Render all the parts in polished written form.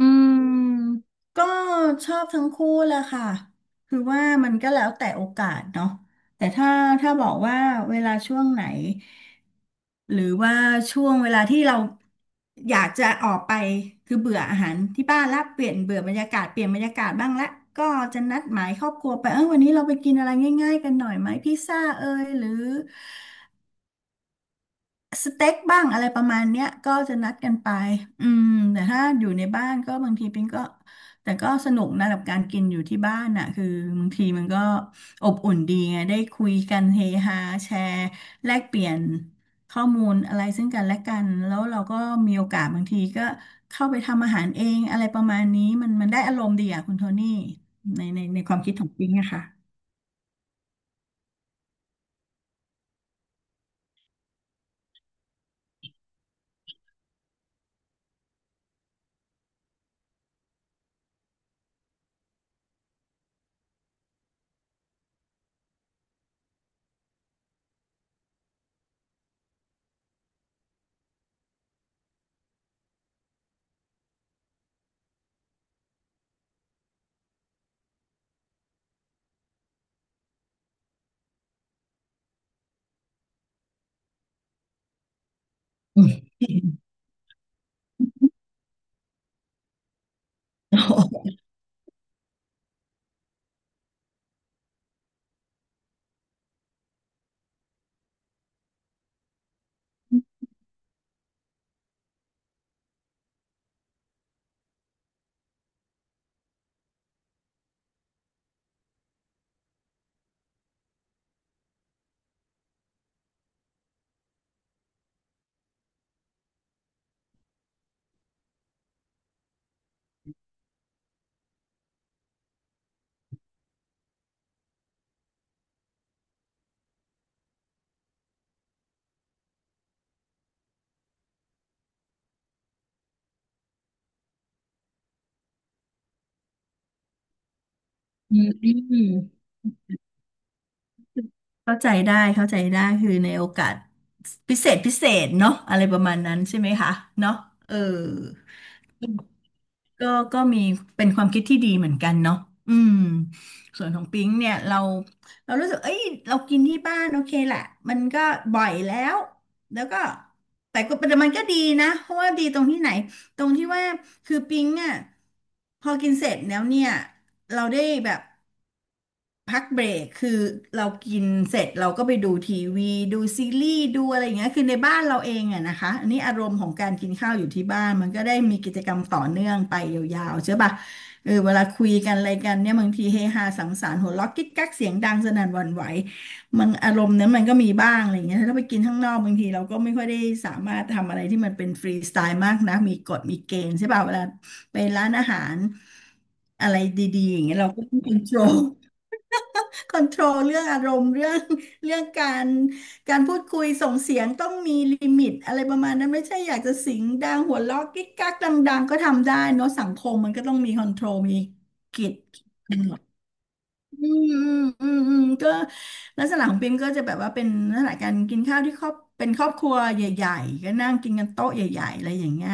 อืมก็ชอบทั้งคู่แหละค่ะคือว่ามันก็แล้วแต่โอกาสเนาะแต่ถ้าบอกว่าเวลาช่วงไหนหรือว่าช่วงเวลาที่เราอยากจะออกไปคือเบื่ออาหารที่บ้านละเปลี่ยนเบื่อบรรยากาศเปลี่ยนบรรยากาศบ้างละก็จะนัดหมายครอบครัวไปวันนี้เราไปกินอะไรง่ายๆกันหน่อยไหมพิซซ่าเอยหรือ สเต็กบ้างอะไรประมาณเนี้ยก็จะนัดกันไปอืมแต่ถ้าอยู่ในบ้านก็บางทีปิงก็แต่ก็สนุกนะกับการกินอยู่ที่บ้านน่ะคือบางทีมันก็อบอุ่นดีไงได้คุยกันเฮฮาแชร์แลกเปลี่ยนข้อมูลอะไรซึ่งกันและกันแล้วเราก็มีโอกาสบางทีก็เข้าไปทำอาหารเองอะไรประมาณนี้มันได้อารมณ์ดีอ่ะคุณโทนี่ในความคิดของปิงนะคะอืม เข้าใจได้เข้าใจได้คือในโอกาสพิเศษพิเศษเนาะอะไรประมาณนั้นใช่ไหมคะเนาะเออก็ก็มีเป็นความคิดที่ดีเหมือนกันเนาะอืมส่วนของปิ๊งเนี่ยเรารู้สึกเอ้ยเรากินที่บ้านโอเคแหละมันก็บ่อยแล้วแล้วก็แต่มันก็ดีนะเพราะว่าดีตรงที่ไหนตรงที่ว่าคือปิ๊งอ่ะพอกินเสร็จแล้วเนี่ยเราได้แบบ พักเบรกคือเรากินเสร็จเราก็ไปดูทีวีดูซีรีส์ดูอะไรอย่างเงี้ยคือในบ้านเราเองอะนะคะอันนี้อารมณ์ของการกินข้าวอยู่ที่บ้านมันก็ได้มีกิจกรรมต่อเนื่องไปยาวๆใช่ปะเวลาคุยกันอะไรกันเนี่ยบางทีเฮฮาสังสรรค์หัวเราะกิ๊กกักเสียงดังสนั่นหวั่นไหวมันอารมณ์นั้นมันก็มีบ้างอะไรอย่างเงี้ยถ้าไปกินข้างนอกบางทีเราก็ไม่ค่อยได้สามารถทำอะไรที่มันเป็นฟรีสไตล์มากนะมีกฎมีเกณฑ์ใช่ปะเวลาไปร้านอาหารอะไรดีๆอย่างเงี้ยเราก็ต้องคอนโทรล คอนโทรลเรื่องอารมณ์เรื่อง เรื่องการพูดคุยส่งเสียงต้องมีลิมิตอะไรประมาณนั้นไม่ใช่อยากจะเสียงดังหัวเราะกิ๊กกักดังๆก็ทำได้เนอะสังคมมันก็ต้องมีคอนโทรลมีกฎ อืมก็ลักษณะของปิมก็จะแบบว่าเป็นลักษณะการกินข้าวที่ครอบเป็นครอบครัวใหญ่ๆก็นั่งกินกันโต๊ะใหญ่ๆอะไรอย่างเงี้ย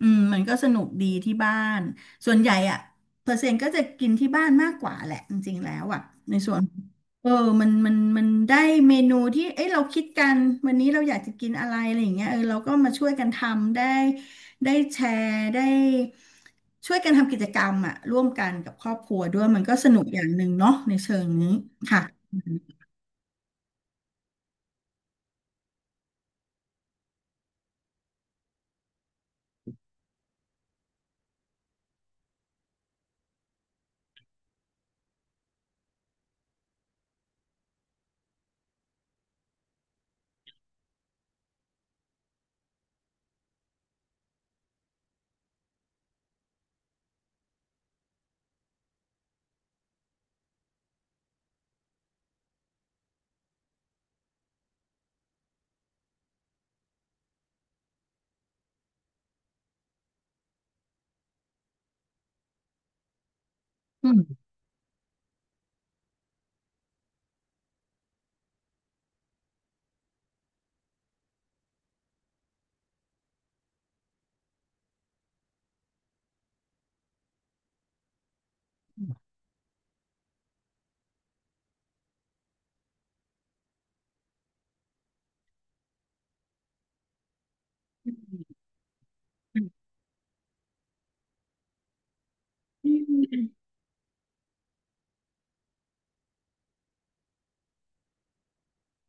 มันก็สนุกดีที่บ้านส่วนใหญ่อะเปอร์เซ็นต์ก็จะกินที่บ้านมากกว่าแหละจริงๆแล้วอะในส่วนเออมันได้เมนูที่เอ้ยเราคิดกันวันนี้เราอยากจะกินอะไรอะไรอย่างเงี้ยเราก็มาช่วยกันทำได้ ได้แชร์ได้ช่วยกันทำกิจกรรมอะร่วมกันกับครอบครัวด้วยมันก็สนุกอย่างหนึ่งเนาะในเชิงนี้ค่ะอืม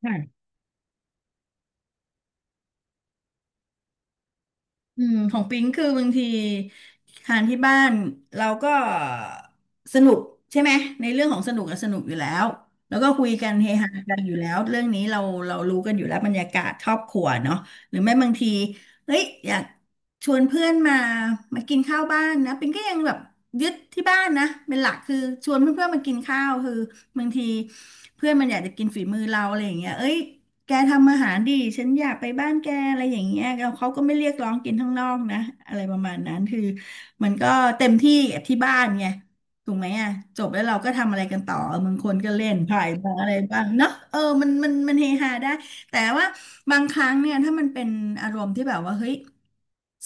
ค่ะ ของปิงคือบางทีทานที่บ้านเราก็สนุกใช่ไหมในเรื่องของสนุกอะสนุกอยู่แล้วแล้วก็คุยกันเฮฮากันอยู่แล้วเรื่องนี้เรารู้กันอยู่แล้วบรรยากาศครอบครัวเนาะหรือไม่บางทีเฮ้ยอยากชวนเพื่อนมากินข้าวบ้านนะปิงก็ยังแบบยึดที่บ้านนะเป็นหลักคือชวนเพื่อนๆมากินข้าวคือบางทีเพื่อนมันอยากจะกินฝีมือเราอะไรอย่างเงี้ยเอ้ย แกทำอาหารดิฉันอยากไปบ้านแกอะไรอย่างเงี้ยแล้วเขาก็ไม่เรียกร้องกินข้างนอกนะอะไรประมาณนั้นคือมันก็เต็มที่กับที่บ้านไงถูกไหมอ่ะจบแล้วเราก็ทำอะไรกันต่อมึงคนก็เล่นไพ่บ้างอะไรบ้างเนาะมันเฮฮาได้แต่ว่าบางครั้งเนี่ยถ้ามันเป็นอารมณ์ที่แบบว่าเฮ้ย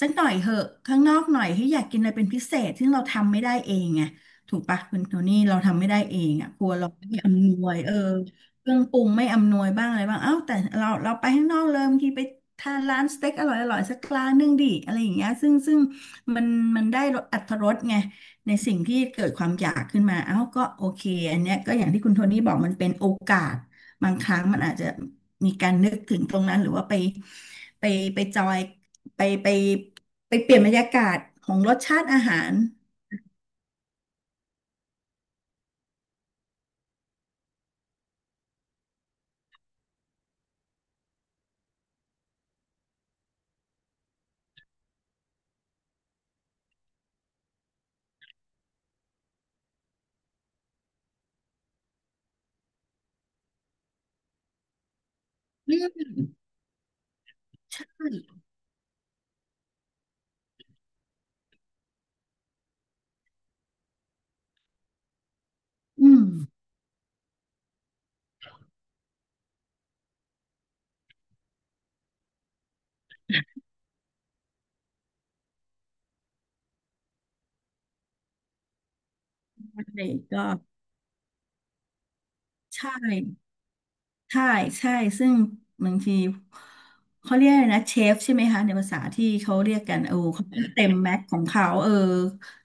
สักหน่อยเหอะข้างนอกหน่อยที่อยากกินอะไรเป็นพิเศษซึ่งเราทำไม่ได้เองไงถูกปะคุณโทนี่เราทำไม่ได้เองอ่ะครัวเราไม่อำนวยเครื่องปรุงไม่อำนวยบ้างอะไรบ้างเอ้าแต่เราไปข้างนอกเลยบางทีไปทานร้านสเต็กอร่อยสักร้านนึงดิอะไรอย่างเงี้ยซึ่งมันมันได้รสอรรถรสไงในสิ่งที่เกิดความอยากขึ้นมาเอ้าก็โอเคอันเนี้ยก็อย่างที่คุณโทนี่บอกมันเป็นโอกาสบางครั้งมันอาจจะมีการนึกถึงตรงนั้นหรือว่าไปไปจอยไปไปไปเปลี่ยนบรรยากาศของรสชาติอาหารอืมใช่อืมใช่ก็ใช่ ใช่ใช่ซึ่งบางทีเขาเรียกอะไรนะเชฟใช่ไหมคะในภาษาที่เขาเรียกกันเออเขาเต็มแม็กของเขาเออ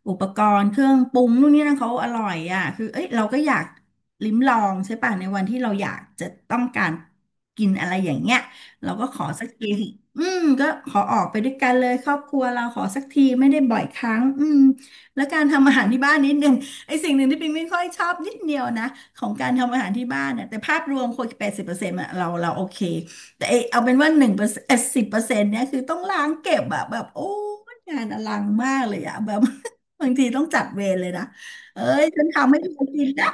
อุปกรณ์เครื่องปรุงนู่นนี่นั่นเขาอร่อยอ่ะคือเอ้ยเราก็อยากลิ้มลองใช่ป่ะในวันที่เราอยากจะต้องการกินอะไรอย่างเงี้ยเราก็ขอสักทีสิอืมก็ขอออกไปด้วยกันเลยครอบครัวเราขอสักทีไม่ได้บ่อยครั้งอืมแล้วการทำอาหารที่บ้านนิดนึง ไอสิ่งหนึ่งที่ปิงไม่ค่อยชอบนิดเดียวนะของการทำอาหารที่บ้านน่ะแต่ภาพรวมคน80%อะเราเราโอเคแต่ไอเอาเป็นว่า1%สิบเปอร์เซ็นต์เนี่ยคือต้องล้างเก็บอะแบบโอ้ยงานอลังมากเลยอะแบบ บางทีต้องจัดเวรเลยนะเอ้ยฉันทำให้เธอกินนะ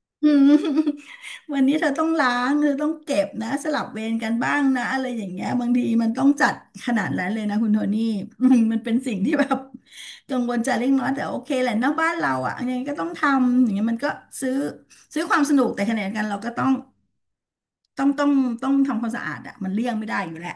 อืม วันนี้เธอต้องล้างเธอต้องเก็บนะสลับเวรกันบ้างนะอะไรอย่างเงี้ยบางทีมันต้องจัดขนาดนั้นเลยนะคุณโทนี่ อืมมันเป็นสิ่งที่แบบกังวลใจเล็กน้อยแต่โอเคแหละนอกบ้านเราอ่ะยังไงก็ต้องทำอย่างเงี้ยมันก็ซื้อซื้อความสนุกแต่ขณะเดียวกันเราก็ต้องต้องต้องทำความสะอาดอ่ะมันเลี่ยงไม่ได้อยู่แหละ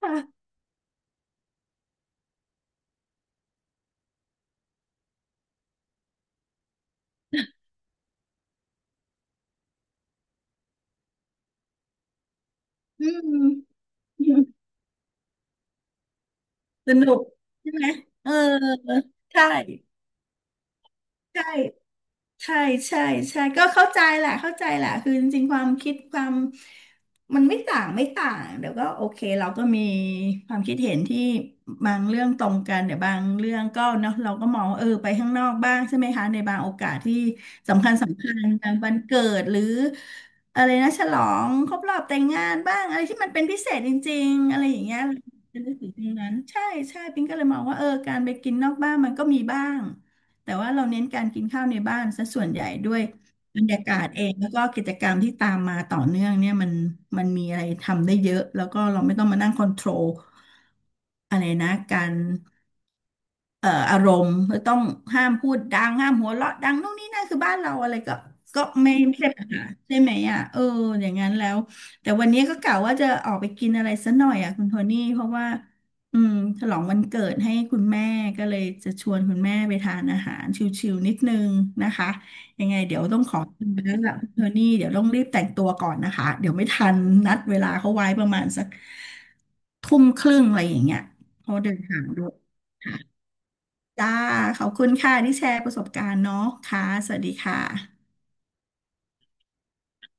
ค่ะ อืม สนุกใช่ไหมเออใช่ใช่ ใช่ใช่ใช่ก็เข้าใจแหละเข้าใจแหละคือจริงๆความคิดความมันไม่ต่างเดี๋ยวก็โอเคเราก็มีความคิดเห็นที่บางเรื่องตรงกันเดี๋ยวบางเรื่องก็เนาะเราก็มองว่าเออไปข้างนอกบ้างใช่ไหมคะในบางโอกาสที่สำคัญสำคัญบางวันเกิดหรืออะไรนะฉลองครบรอบแต่งงานบ้างอะไรที่มันเป็นพิเศษจริงๆอะไรอย่างเงี้ยเราจะนึกถึงตรงนั้นใช่ใช่ปิงก็เลยมองว่าเออการไปกินนอกบ้านมันก็มีบ้าง แต่ว่าเราเน้นการกินข้าวในบ้านซะส่วนใหญ่ด้วยบรรยากาศเองแล้วก็กิจกรรมที่ตามมาต่อเนื่องเนี่ยมันมันมีอะไรทำได้เยอะแล้วก็เราไม่ต้องมานั่งคอนโทรลอะไรนะการ อารมณ์ต้องห้ามพูดดังห้ามหัวเราะดังนู่นนี่นั่นคือบ้านเราอะไรก็ก็ไม่ใช่ปัญหาใช่ไหมอ่ะเอออย่างนั้นแล้วแต่วันนี้ก็กะว่าจะออกไปกินอะไรสักหน่อยอ่ะคุณโทนี่เพราะว่าอืมฉลองวันเกิดให้คุณแม่ก็เลยจะชวนคุณแม่ไปทานอาหารชิลๆนิดนึงนะคะยังไงเดี๋ยวต้องขอตัวแล้วล่ะคุณโทนี่เดี๋ยวต้องรีบแต่งตัวก่อนนะคะเดี๋ยวไม่ทันนัดเวลาเขาไว้ประมาณสักทุ่มครึ่งอะไรอย่างเงี้ยเพราะเดินทางด้วย จ้าขอบคุณค่ะที่แชร์ประสบการณ์เนาะค่ะสวัสดีค่ะ